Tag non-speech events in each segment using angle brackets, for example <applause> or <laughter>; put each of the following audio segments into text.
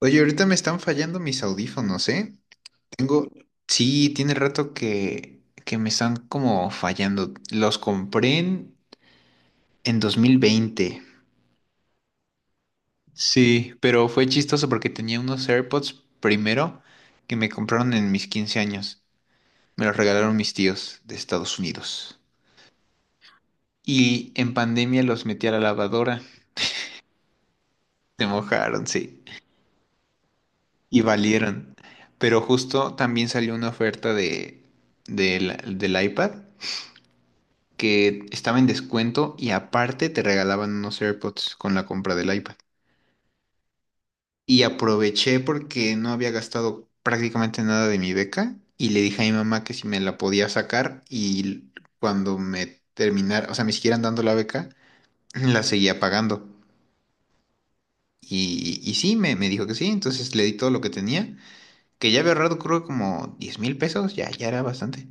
Oye, ahorita me están fallando mis audífonos, ¿eh? Tengo, sí, tiene rato que me están como fallando. Los compré en 2020. Sí, pero fue chistoso porque tenía unos AirPods primero que me compraron en mis 15 años. Me los regalaron mis tíos de Estados Unidos. Y en pandemia los metí a la lavadora. Se mojaron, sí. Y valieron. Pero justo también salió una oferta de, del del iPad, que estaba en descuento y aparte te regalaban unos AirPods con la compra del iPad. Y aproveché porque no había gastado prácticamente nada de mi beca y le dije a mi mamá que si me la podía sacar y cuando me terminara, o sea, me siguieran dando la beca, la seguía pagando. Y sí, me dijo que sí, entonces le di todo lo que tenía, que ya había ahorrado creo como 10,000 pesos, ya era bastante.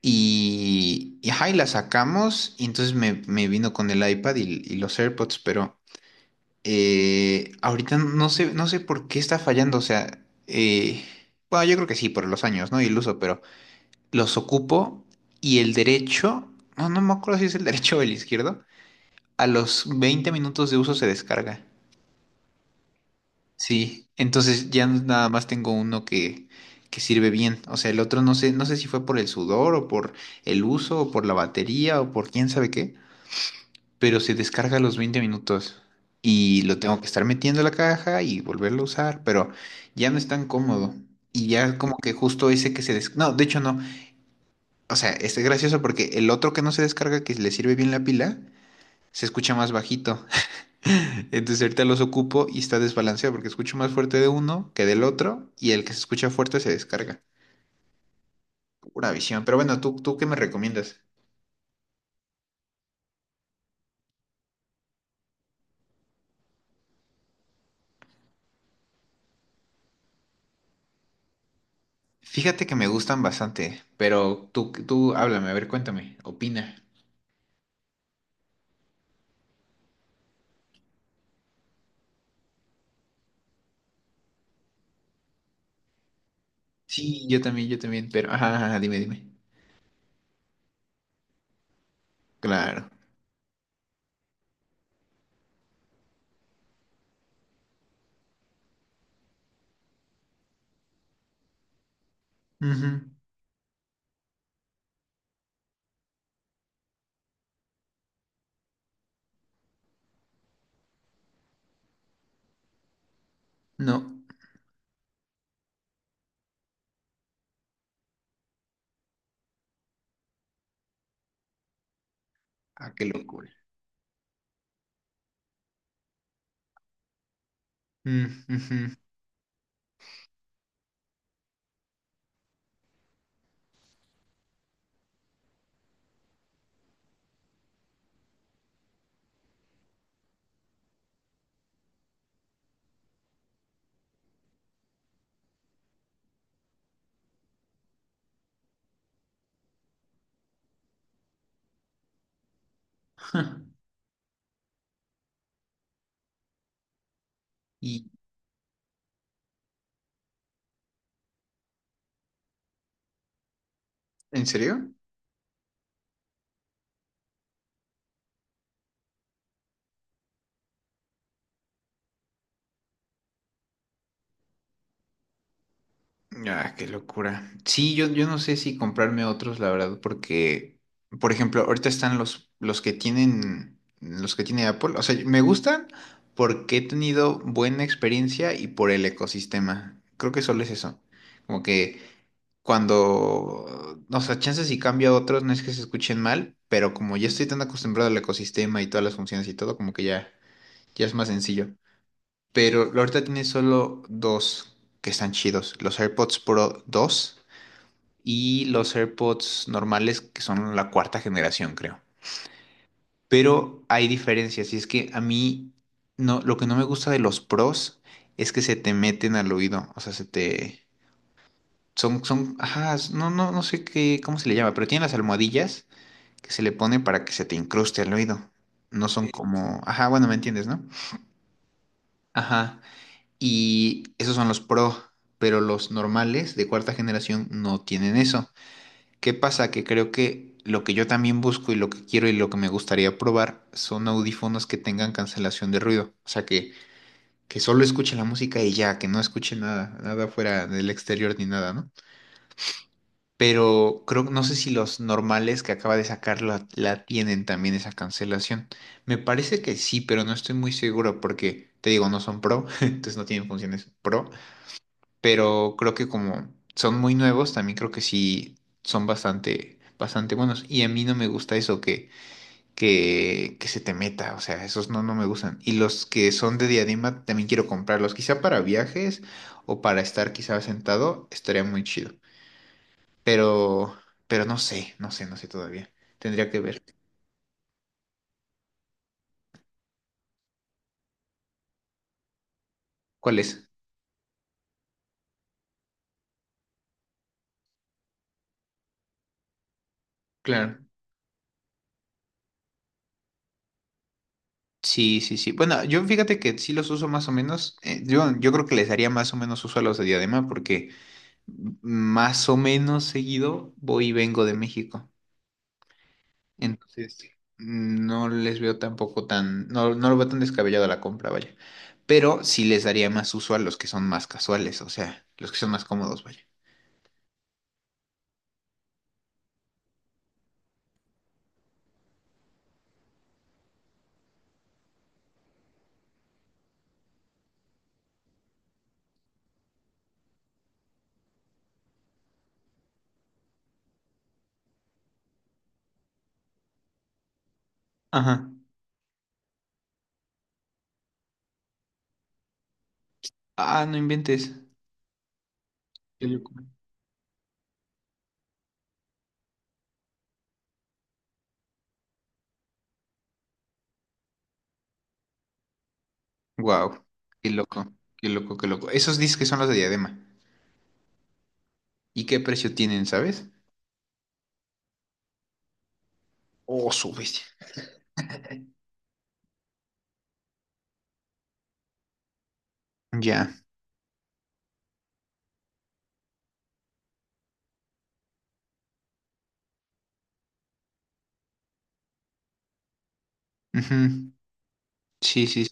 Y, ajá, y la sacamos y entonces me vino con el iPad y los AirPods, pero ahorita no sé por qué está fallando, o sea, bueno, yo creo que sí, por los años, ¿no? Y el uso. Pero los ocupo y el derecho, no, no me acuerdo si es el <laughs> derecho o el izquierdo, a los 20 minutos de uso se descarga. Sí, entonces ya nada más tengo uno que sirve bien, o sea, el otro no sé si fue por el sudor o por el uso o por la batería o por quién sabe qué, pero se descarga a los 20 minutos y lo tengo que estar metiendo a la caja y volverlo a usar, pero ya no es tan cómodo. Y ya como que justo ese que no, de hecho no. O sea, este es gracioso porque el otro que no se descarga, que le sirve bien la pila, se escucha más bajito. <laughs> Entonces ahorita los ocupo y está desbalanceado porque escucho más fuerte de uno que del otro, y el que se escucha fuerte se descarga. Pura visión. Pero bueno, ¿tú qué me recomiendas? Fíjate que me gustan bastante, pero tú háblame, a ver, cuéntame, opina. Sí, yo también, pero, ajá, ajá, dime, dime. Claro. Ujú. No. Ah, qué locura. Mm, ujú. <laughs> Ja. ¿Y en serio? Ah, qué locura. Sí, yo no sé si comprarme otros, la verdad, porque, por ejemplo, ahorita están los que tiene Apple. O sea, me gustan porque he tenido buena experiencia y por el ecosistema. Creo que solo es eso. Como que cuando, no sé, chances, si cambio a otros, no es que se escuchen mal, pero como ya estoy tan acostumbrado al ecosistema y todas las funciones y todo, como que ya es más sencillo. Pero ahorita tiene solo dos que están chidos: los AirPods Pro 2 y los AirPods normales, que son la cuarta generación, creo. Pero hay diferencias, y es que a mí, no, lo que no me gusta de los Pros es que se te meten al oído, o sea, son, son, ajá, no, no sé qué, cómo se le llama, pero tienen las almohadillas que se le pone para que se te incruste el oído. No son. Sí, como, ajá, bueno, ¿me entiendes, no? Ajá. Y esos son los Pro, pero los normales de cuarta generación no tienen eso. ¿Qué pasa? Que creo que lo que yo también busco y lo que quiero y lo que me gustaría probar son audífonos que tengan cancelación de ruido. O sea, que solo escuche la música y ya, que no escuche nada, nada fuera del exterior ni nada, ¿no? Pero creo, no sé si los normales que acaba de sacar la tienen también esa cancelación. Me parece que sí, pero no estoy muy seguro porque, te digo, no son pro, <laughs> entonces no tienen funciones pro, pero creo que como son muy nuevos, también creo que sí son bastante, bastante buenos. Y a mí no me gusta eso que se te meta, o sea, esos no me gustan. Y los que son de diadema también quiero comprarlos, quizá para viajes o para estar quizá sentado, estaría muy chido. Pero, pero no sé todavía. Tendría que ver. ¿Cuál es? Claro. Sí, sí, sí. Bueno, yo fíjate que sí los uso más o menos. Yo creo que les haría más o menos uso a los de diadema porque más o menos seguido voy y vengo de México. Entonces, no les veo tampoco tan, no lo veo tan descabellado la compra, vaya. Pero sí les daría más uso a los que son más casuales, o sea, los que son más cómodos, vaya. Ajá. Ah, no inventes. Qué loco. Wow, qué loco, qué loco, qué loco. Esos dices que son los de diadema. ¿Y qué precio tienen, sabes? Oh, su bestia. Ya. Ujú. Sí, sí. Sí,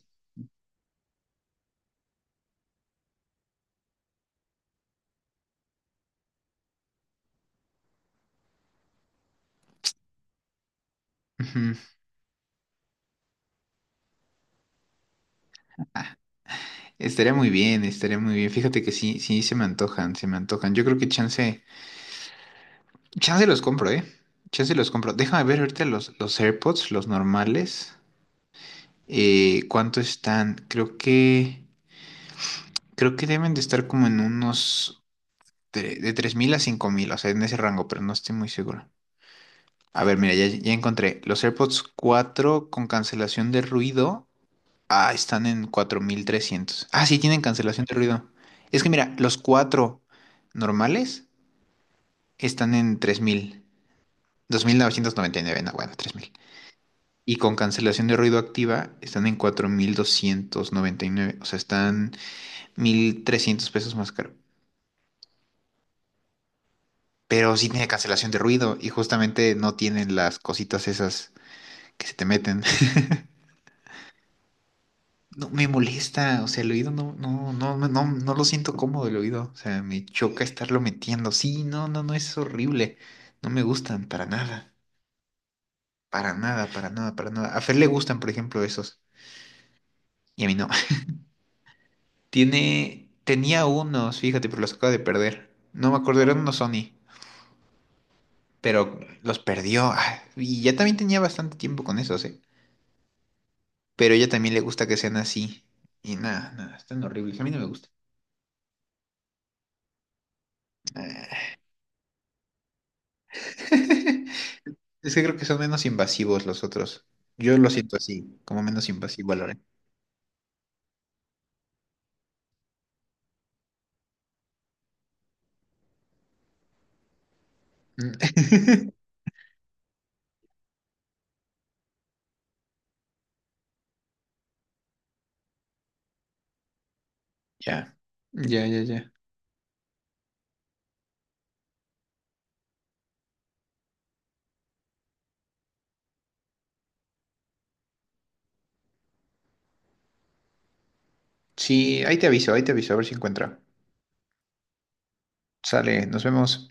ujú. Estaría muy bien, estaría muy bien. Fíjate que sí, sí se me antojan, se me antojan. Yo creo que chance, chance los compro, ¿eh? Chance los compro. Déjame ver ahorita los AirPods, los normales. ¿Cuánto están? Creo que deben de estar como en unos de 3,000 a 5,000, o sea, en ese rango, pero no estoy muy seguro. A ver, mira, ya encontré. Los AirPods 4 con cancelación de ruido. Ah, están en 4,300. Ah, sí, tienen cancelación de ruido. Es que mira, los 4 normales están en 3,000. 2,999, no, bueno, 3,000. Y con cancelación de ruido activa están en 4,299. O sea, están 1,300 pesos más caro. Pero sí tiene cancelación de ruido y justamente no tienen las cositas esas que se te meten. No, me molesta, o sea, el oído no, no lo siento cómodo el oído, o sea, me choca estarlo metiendo. Sí, no, no, no, es horrible. No me gustan para nada, para nada, para nada, para nada. A Fer le gustan, por ejemplo, esos, y a mí no. <laughs> Tiene, tenía unos, fíjate, pero los acaba de perder. No me acuerdo, eran unos Sony, pero los perdió. Ah, y ya también tenía bastante tiempo con esos, ¿eh? Pero a ella también le gusta que sean así. Y nada, nada, están horribles, a mí no me gusta. <laughs> Es que creo que son menos invasivos los otros. Yo lo siento así, como menos invasivo, al Lore. Mm. <laughs> Ya, ya, ya, ya. Sí, ahí te aviso, a ver si encuentro. Sale, nos vemos.